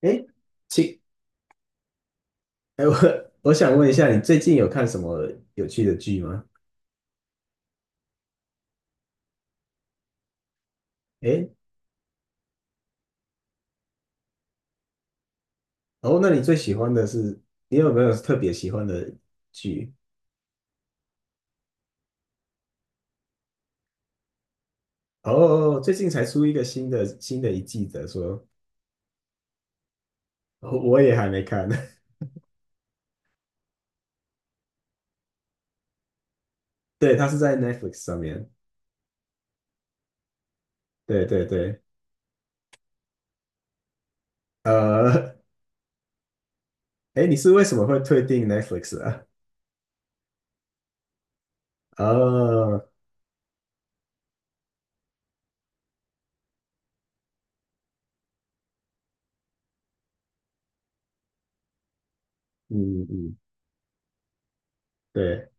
哎，亲，哎，我 我想问一下，你最近有看什么有趣的剧吗？哎，哦，那你最喜欢的是，你有没有特别喜欢的剧？哦，最近才出一个新的一季的，说，哦我也还没看。对，它是在 Netflix 上面。对对对，呃，哎，你是为什么会退订 Netflix 啊？哦，嗯嗯，对，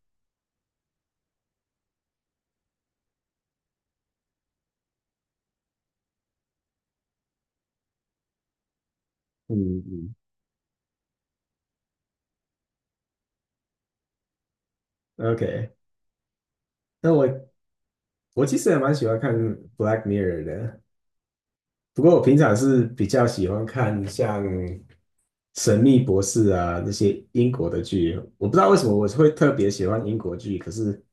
嗯嗯，OK，那我其实也蛮喜欢看《Black Mirror》的。不过我平常是比较喜欢看像《神秘博士》啊那些英国的剧，我不知道为什么我会特别喜欢英国剧，可是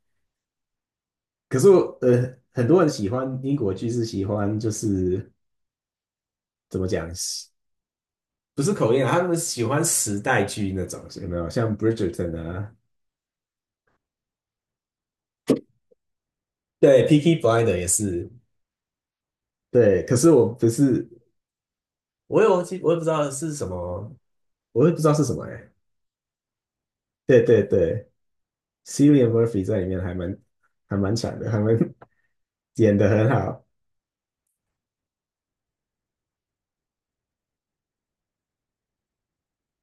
可是我很多人喜欢英国剧是喜欢就是怎么讲，不是口音啊，他们喜欢时代剧那种，有没有？像《Bridgerton》啊，对，Peaky Blinder 也是，对，可是我不是，我也忘记，我也不知道是什么。我也不知道是什么哎、对对对，Cillian Murphy 在里面还蛮强的，还蛮演得很好，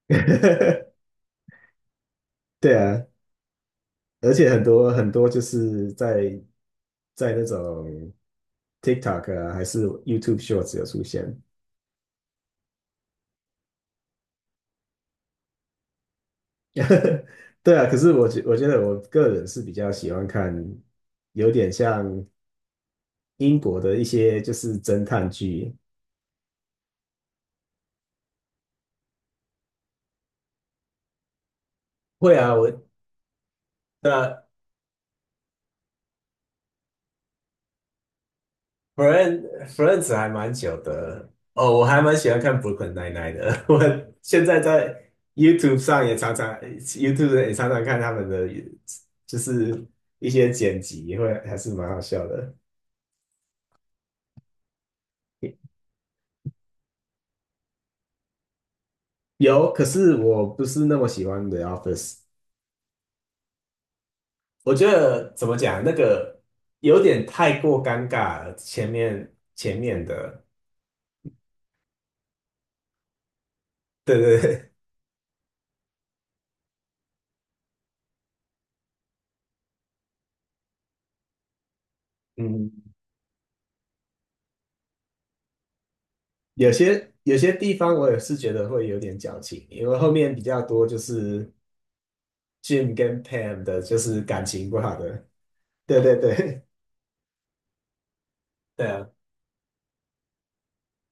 对啊，而且很多很多就是在那种 TikTok 啊，还是 YouTube Shorts 有出现，对啊，可是我觉得我个人是比较喜欢看，有点像英国的一些就是侦探剧，会啊，我那 Friend Friends 还蛮久的哦，我还蛮喜欢看 Brooklyn Nine-Nine 的。我现在 YouTube 上也常常 YouTube 也常常看他们的，就是一些剪辑，会还是蛮好笑的。有，可是我不是那么喜欢 The Office。我觉得怎么讲，那个有点太过尴尬了。前面的，对对对，嗯，有些地方我也是觉得会有点矫情，因为后面比较多就是。Jim 跟 Pam 的就是感情不好的，对对对对啊！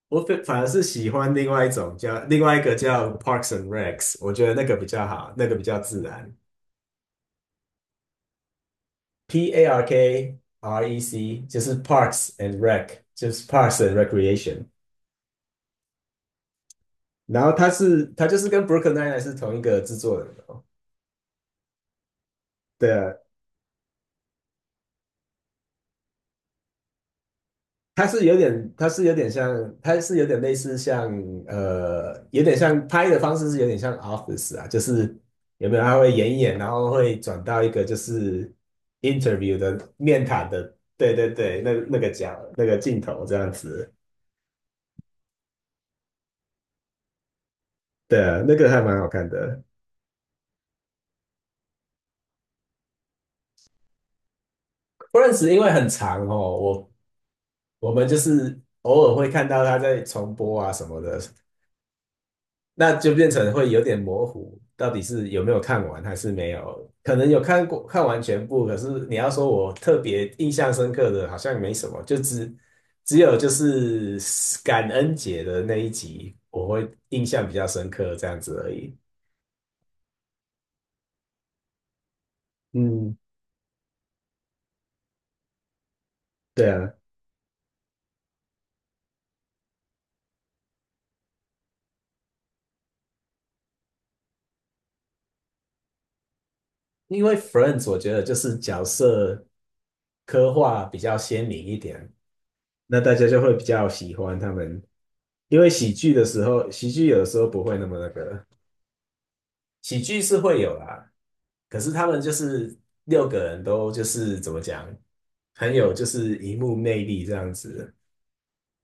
我反而是喜欢另外一个叫 Parkson Rex，我觉得那个比较好，那个比较自然。PARKREC 就是 Parks and Rec，就是 Parks and Recreation。然后他就是跟 Brookeyn Nine 是同一个制作人，哦，对啊。它是有点类似像，有点像拍的方式是有点像 Office 啊，就是有没有他会演一演，然后会转到一个就是 interview 的面谈的，对对对，那那个角那个镜头这样子，对啊，那个还蛮好看的。不认识，因为很长哦，我们就是偶尔会看到他在重播啊什么的，那就变成会有点模糊，到底是有没有看完还是没有？可能有看完全部，可是你要说我特别印象深刻的，好像没什么，只有就是感恩节的那一集，我会印象比较深刻这样子而已。嗯，对啊，因为 Friends 我觉得就是角色刻画比较鲜明一点，那大家就会比较喜欢他们，因为喜剧的时候，喜剧有的时候不会那么那个。喜剧是会有啦，可是他们就是六个人都就是怎么讲，很有就是荧幕魅力这样子，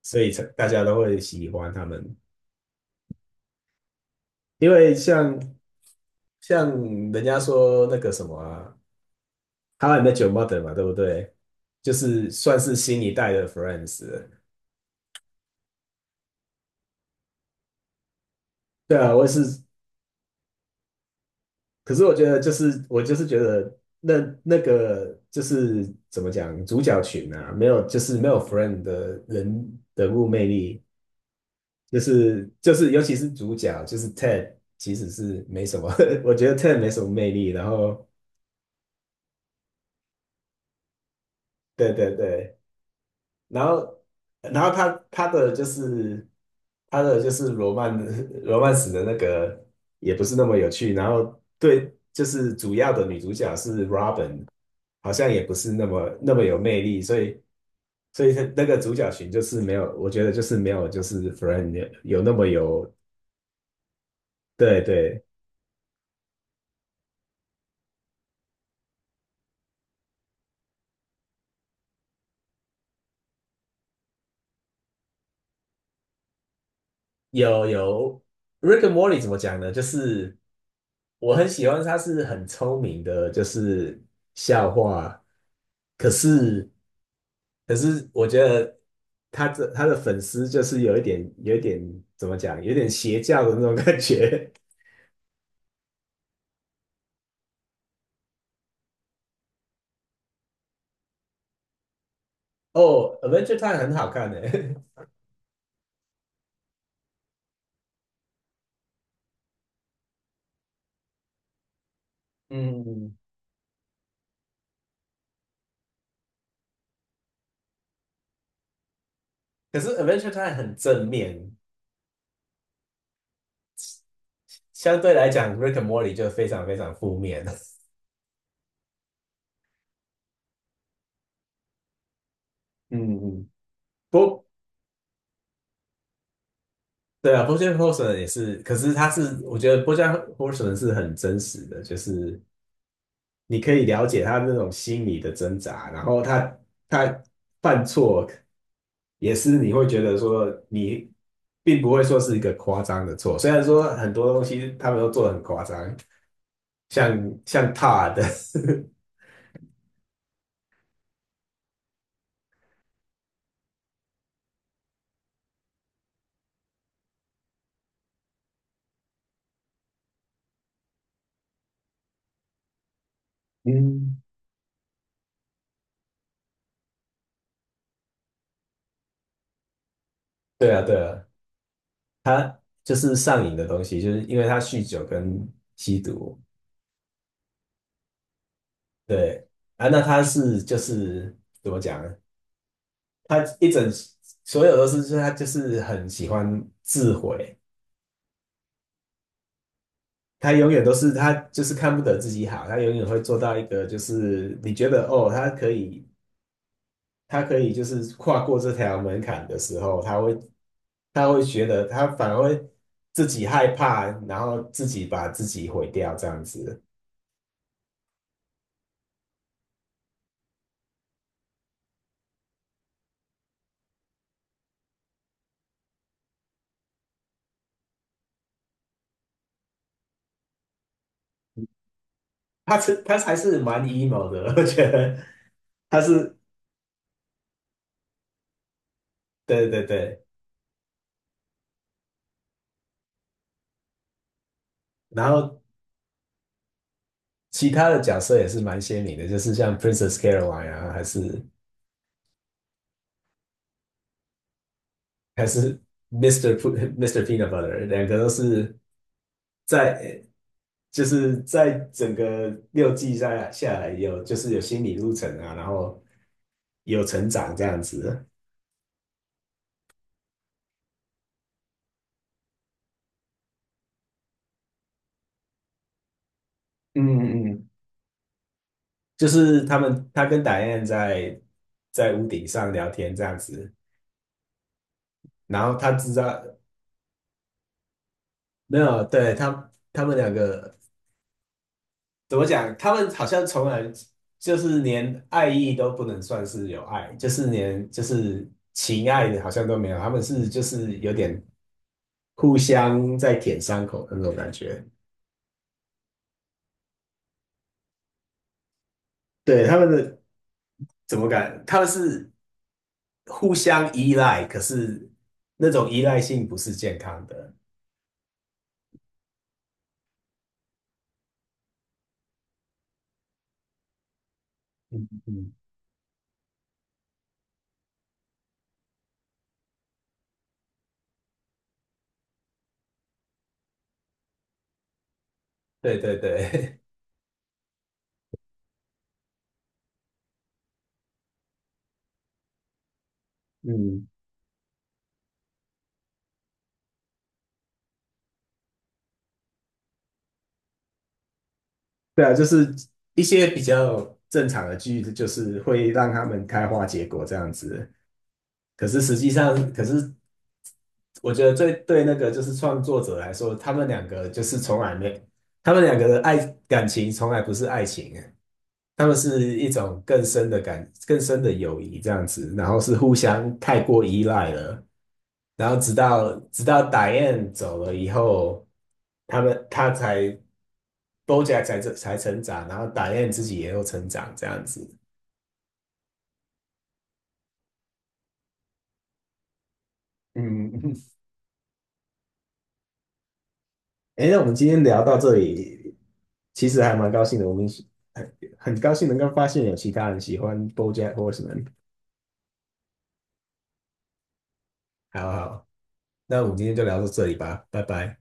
所以才大家都会喜欢他们。因为像人家说那个什么啊，《How I Met Your Mother》嘛，对不对？就是算是新一代的 Friends 了。对啊，我也是，可是我觉得就是我就是觉得那个就是怎么讲，主角群啊，没有 friend 的人物魅力，就是，尤其是主角，就是 Ted，其实是没什么，我觉得 Ted 没什么魅力。然后，对对对，然后然后他的就是他的就是罗曼 罗曼史的那个也不是那么有趣。然后对，就是主要的女主角是 Robin，好像也不是那么那么有魅力，所以他那个主角群就是没有，我觉得就是没有就是 Friend 有那么有，对对，有，Rick and Morty 怎么讲呢？就是我很喜欢，他是很聪明的，就是笑话。可是可是，我觉得他的粉丝就是有一点怎么讲，有点邪教的那种感觉。哦，Adventure Time 很好看呢。嗯，可是 Adventure Time 很正面，相对来讲，Rick and Morty 就非常非常负面。嗯嗯。不对啊，BoJack h o r e 也是，可是他是，我觉得 BoJack Hore 是很真实的，就是你可以了解他那种心理的挣扎，然后他犯错也是你会觉得说你并不会说是一个夸张的错，虽然说很多东西他们都做的很夸张，像 t 的，d 嗯，对啊对啊，就是上瘾的东西，就是因为他酗酒跟吸毒，对啊，那他是就是怎么讲？他一整所有都是，就是他就是很喜欢自毁，他永远都是他就是看不得自己好，他永远会做到一个就是你觉得哦，他可以就是跨过这条门槛的时候，他会觉得他反而会自己害怕，然后自己把自己毁掉这样子，他还是蛮 emo 的，我觉得他是对对对，然后。其他的角色也是蛮鲜明的，就是像 Princess Caroline 啊，还是 Mr. Peanut Butter，两个都是在就是在整个6季下来有就是有心理路程啊，然后有成长这样子。嗯嗯，就是他跟打燕在屋顶上聊天这样子，然后他知道没有，对他们两个怎么讲？他们好像从来就是连爱意都不能算是有爱，就是连就是情爱的好像都没有，他们是就是有点互相在舔伤口的那种感觉。对，他们的怎么感？他们是互相依赖，可是那种依赖性不是健康的。嗯嗯，对对对，嗯，对啊，就是一些比较正常的剧，就是会让他们开花结果这样子。可是实际上，可是我觉得最对那个就是创作者来说，他们两个就是从来没，他们两个的感情从来不是爱情欸，他们是一种更深的友谊这样子，然后是互相太过依赖了，然后直到 d i 走了以后，他才 BoJack 才成长，然后 d i 自己也有成长这样子。嗯，哎，那我们今天聊到这里，其实还蛮高兴的。我们很高兴能够发现有其他人喜欢 BoJack Horseman。好好，那我们今天就聊到这里吧，拜拜。